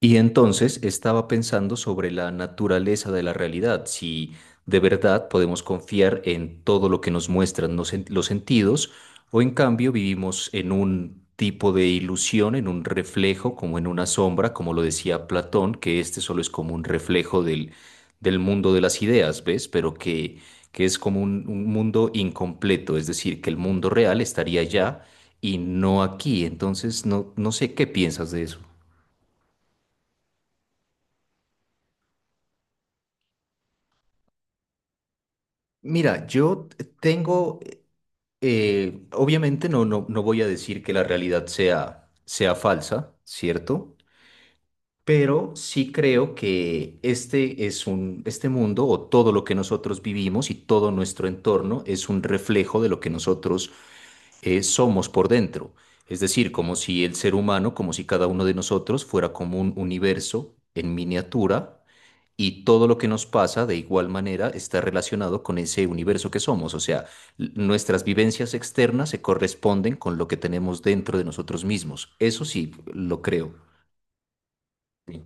Y entonces estaba pensando sobre la naturaleza de la realidad, si de verdad podemos confiar en todo lo que nos muestran los sentidos o en cambio vivimos en un tipo de ilusión, en un reflejo, como en una sombra, como lo decía Platón, que este solo es como un reflejo del mundo de las ideas, ¿ves? Pero que es como un mundo incompleto, es decir, que el mundo real estaría allá y no aquí. Entonces, no sé qué piensas de eso. Mira, yo tengo, obviamente no voy a decir que la realidad sea falsa, ¿cierto? Pero sí creo que este es un este mundo o todo lo que nosotros vivimos y todo nuestro entorno es un reflejo de lo que nosotros somos por dentro. Es decir, como si el ser humano, como si cada uno de nosotros fuera como un universo en miniatura y todo lo que nos pasa de igual manera está relacionado con ese universo que somos. O sea, nuestras vivencias externas se corresponden con lo que tenemos dentro de nosotros mismos. Eso sí, lo creo. Sí,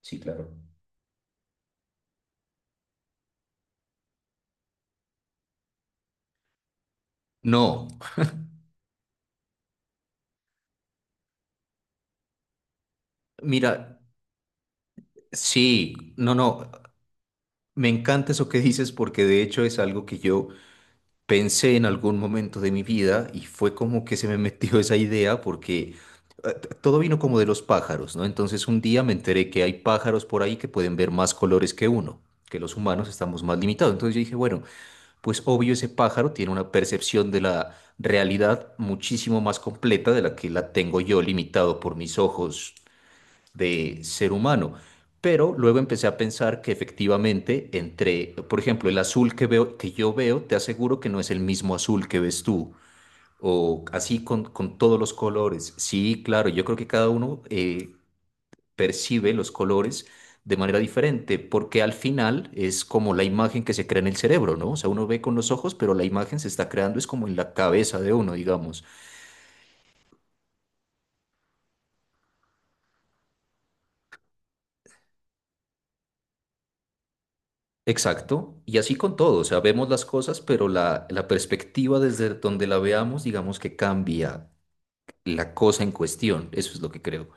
sí, claro. No, mira, sí, no, no, me encanta eso que dices porque de hecho es algo que yo pensé en algún momento de mi vida y fue como que se me metió esa idea porque todo vino como de los pájaros, ¿no? Entonces un día me enteré que hay pájaros por ahí que pueden ver más colores que uno, que los humanos estamos más limitados. Entonces yo dije, bueno, pues obvio ese pájaro tiene una percepción de la realidad muchísimo más completa de la que la tengo yo limitado por mis ojos de ser humano. Pero luego empecé a pensar que efectivamente entre, por ejemplo, el azul que veo, que yo veo, te aseguro que no es el mismo azul que ves tú. O así con todos los colores. Sí, claro, yo creo que cada uno percibe los colores de manera diferente, porque al final es como la imagen que se crea en el cerebro, ¿no? O sea, uno ve con los ojos, pero la imagen se está creando es como en la cabeza de uno, digamos. Exacto, y así con todo, o sea, vemos las cosas, pero la perspectiva desde donde la veamos, digamos que cambia la cosa en cuestión, eso es lo que creo.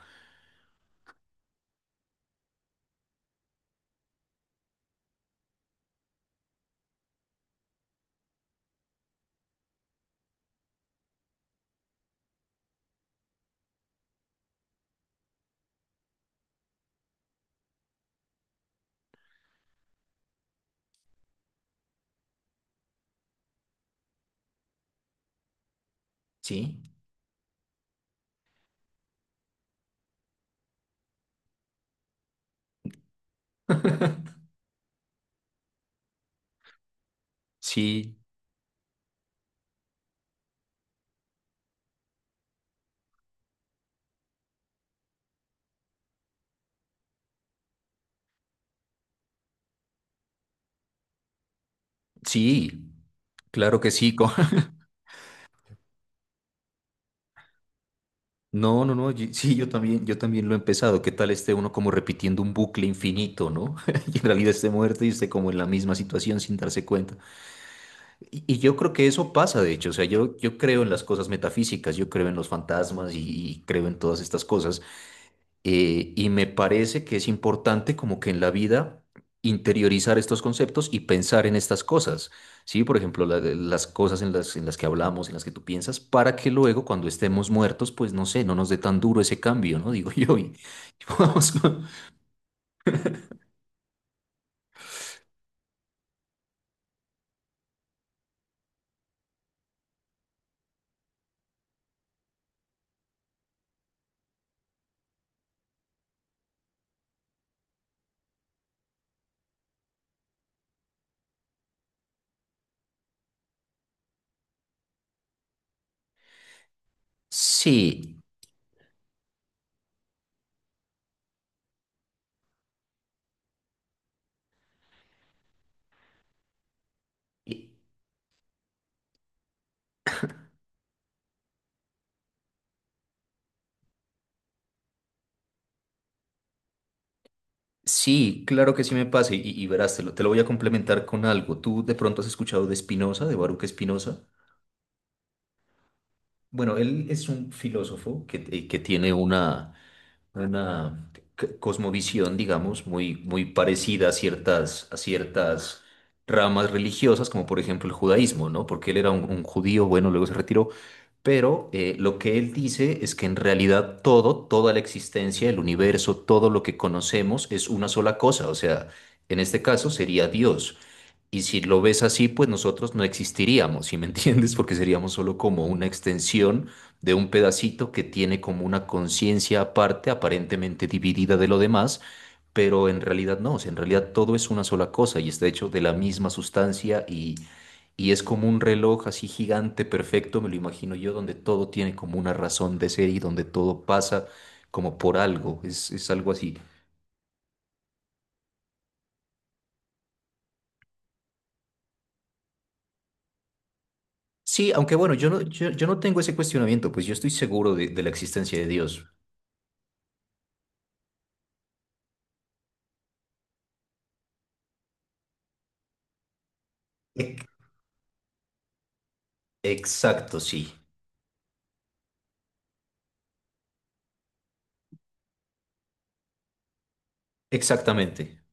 Sí, sí, sí, claro que sí. No, no, no, yo- sí, yo también lo he empezado. ¿Qué tal esté uno como repitiendo un bucle infinito, ¿no? Y en realidad esté muerto y esté como en la misma situación sin darse cuenta. Y yo creo que eso pasa, de hecho, o sea, yo creo en las cosas metafísicas, yo creo en los fantasmas y creo en todas estas cosas. Y me parece que es importante como que en la vida interiorizar estos conceptos y pensar en estas cosas, ¿sí? Por ejemplo, las cosas en en las que hablamos, en las que tú piensas, para que luego cuando estemos muertos, pues no sé, no nos dé tan duro ese cambio, ¿no? Digo yo. Y podamos sí, y- sí, claro que sí me pasa y verás, te lo voy a complementar con algo. ¿Tú de pronto has escuchado de Spinoza, de Baruch Spinoza? Bueno, él es un filósofo que tiene una una cosmovisión, digamos, muy parecida a a ciertas ramas religiosas, como por ejemplo el judaísmo, ¿no? Porque él era un judío, bueno, luego se retiró, pero lo que él dice es que en realidad todo, toda la existencia, el universo, todo lo que conocemos es una sola cosa, o sea, en este caso sería Dios. Y si lo ves así, pues nosotros no existiríamos, ¿sí me entiendes? Porque seríamos solo como una extensión de un pedacito que tiene como una conciencia aparte, aparentemente dividida de lo demás, pero en realidad no, o sea, en realidad todo es una sola cosa y está hecho de la misma sustancia y es como un reloj así gigante, perfecto, me lo imagino yo, donde todo tiene como una razón de ser y donde todo pasa como por algo, es algo así. Sí, aunque bueno, yo no tengo ese cuestionamiento, pues yo estoy seguro de la existencia de Dios. Ec- Exacto, sí, exactamente.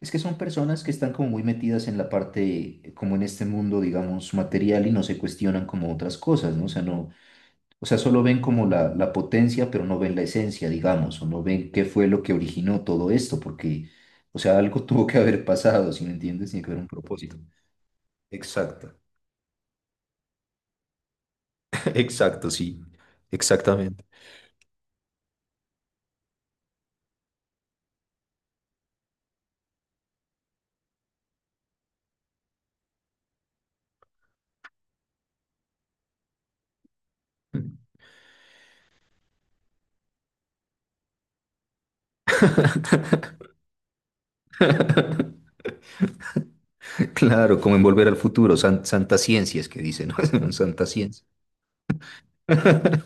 Es que son personas que están como muy metidas en la parte, como en este mundo, digamos, material y no se cuestionan como otras cosas, ¿no? O sea, no, o sea, solo ven como la potencia, pero no ven la esencia, digamos, o no ven qué fue lo que originó todo esto, porque, o sea, algo tuvo que haber pasado, ¿sí me entiendes? Tiene que haber un propósito. Exacto, exacto, sí, exactamente. Claro, como en Volver al Futuro, santa ciencias que dicen, ¿no? Santa ciencia.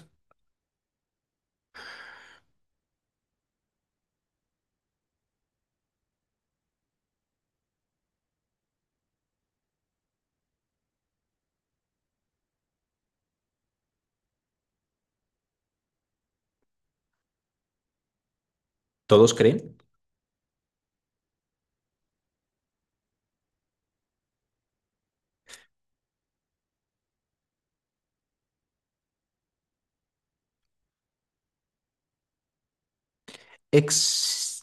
¿Todos creen? Ex-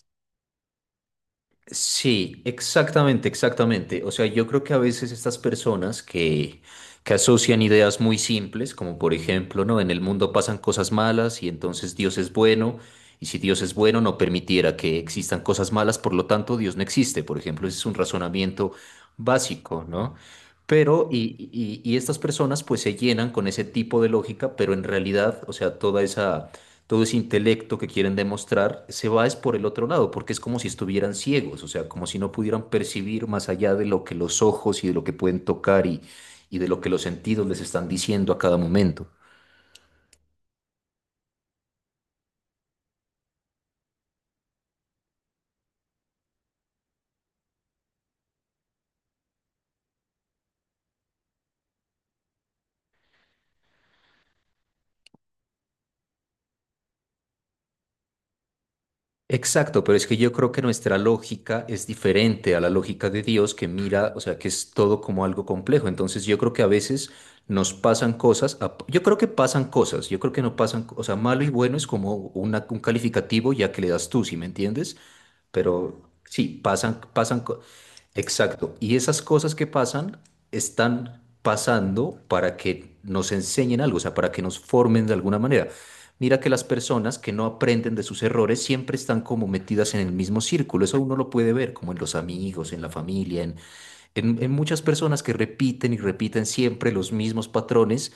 sí, exactamente, exactamente. O sea, yo creo que a veces estas personas que asocian ideas muy simples, como por ejemplo, ¿no? En el mundo pasan cosas malas y entonces Dios es bueno, y si Dios es bueno no permitiera que existan cosas malas, por lo tanto Dios no existe, por ejemplo, ese es un razonamiento básico, ¿no? Pero estas personas pues se llenan con ese tipo de lógica, pero en realidad, o sea, toda esa todo ese intelecto que quieren demostrar se va es por el otro lado, porque es como si estuvieran ciegos, o sea, como si no pudieran percibir más allá de lo que los ojos y de lo que pueden tocar y de lo que los sentidos les están diciendo a cada momento. Exacto, pero es que yo creo que nuestra lógica es diferente a la lógica de Dios que mira, o sea, que es todo como algo complejo. Entonces yo creo que a veces nos pasan cosas, a- yo creo que pasan cosas, yo creo que no pasan, o sea, malo y bueno es como un calificativo ya que le das tú, ¿sí me entiendes? Pero sí, exacto. Y esas cosas que pasan están pasando para que nos enseñen algo, o sea, para que nos formen de alguna manera. Mira que las personas que no aprenden de sus errores siempre están como metidas en el mismo círculo. Eso uno lo puede ver, como en los amigos, en la familia, en muchas personas que repiten y repiten siempre los mismos patrones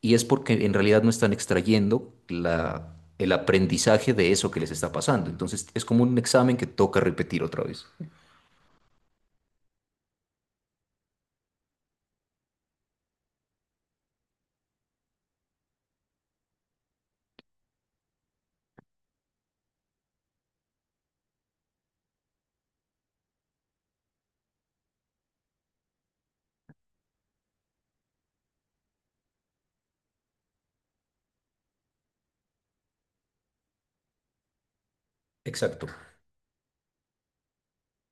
y es porque en realidad no están extrayendo el aprendizaje de eso que les está pasando. Entonces es como un examen que toca repetir otra vez. Exacto.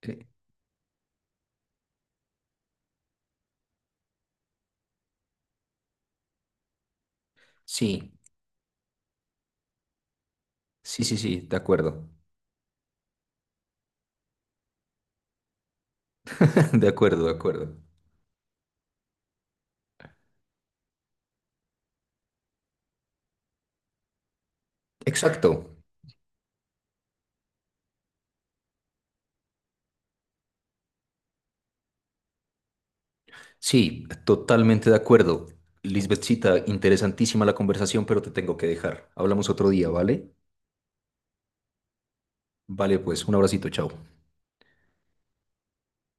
Eh, sí, sí, de acuerdo. De acuerdo, de acuerdo. Exacto. Sí, totalmente de acuerdo. Lisbethcita, interesantísima la conversación, pero te tengo que dejar. Hablamos otro día, ¿vale? Vale, pues un abracito, chao.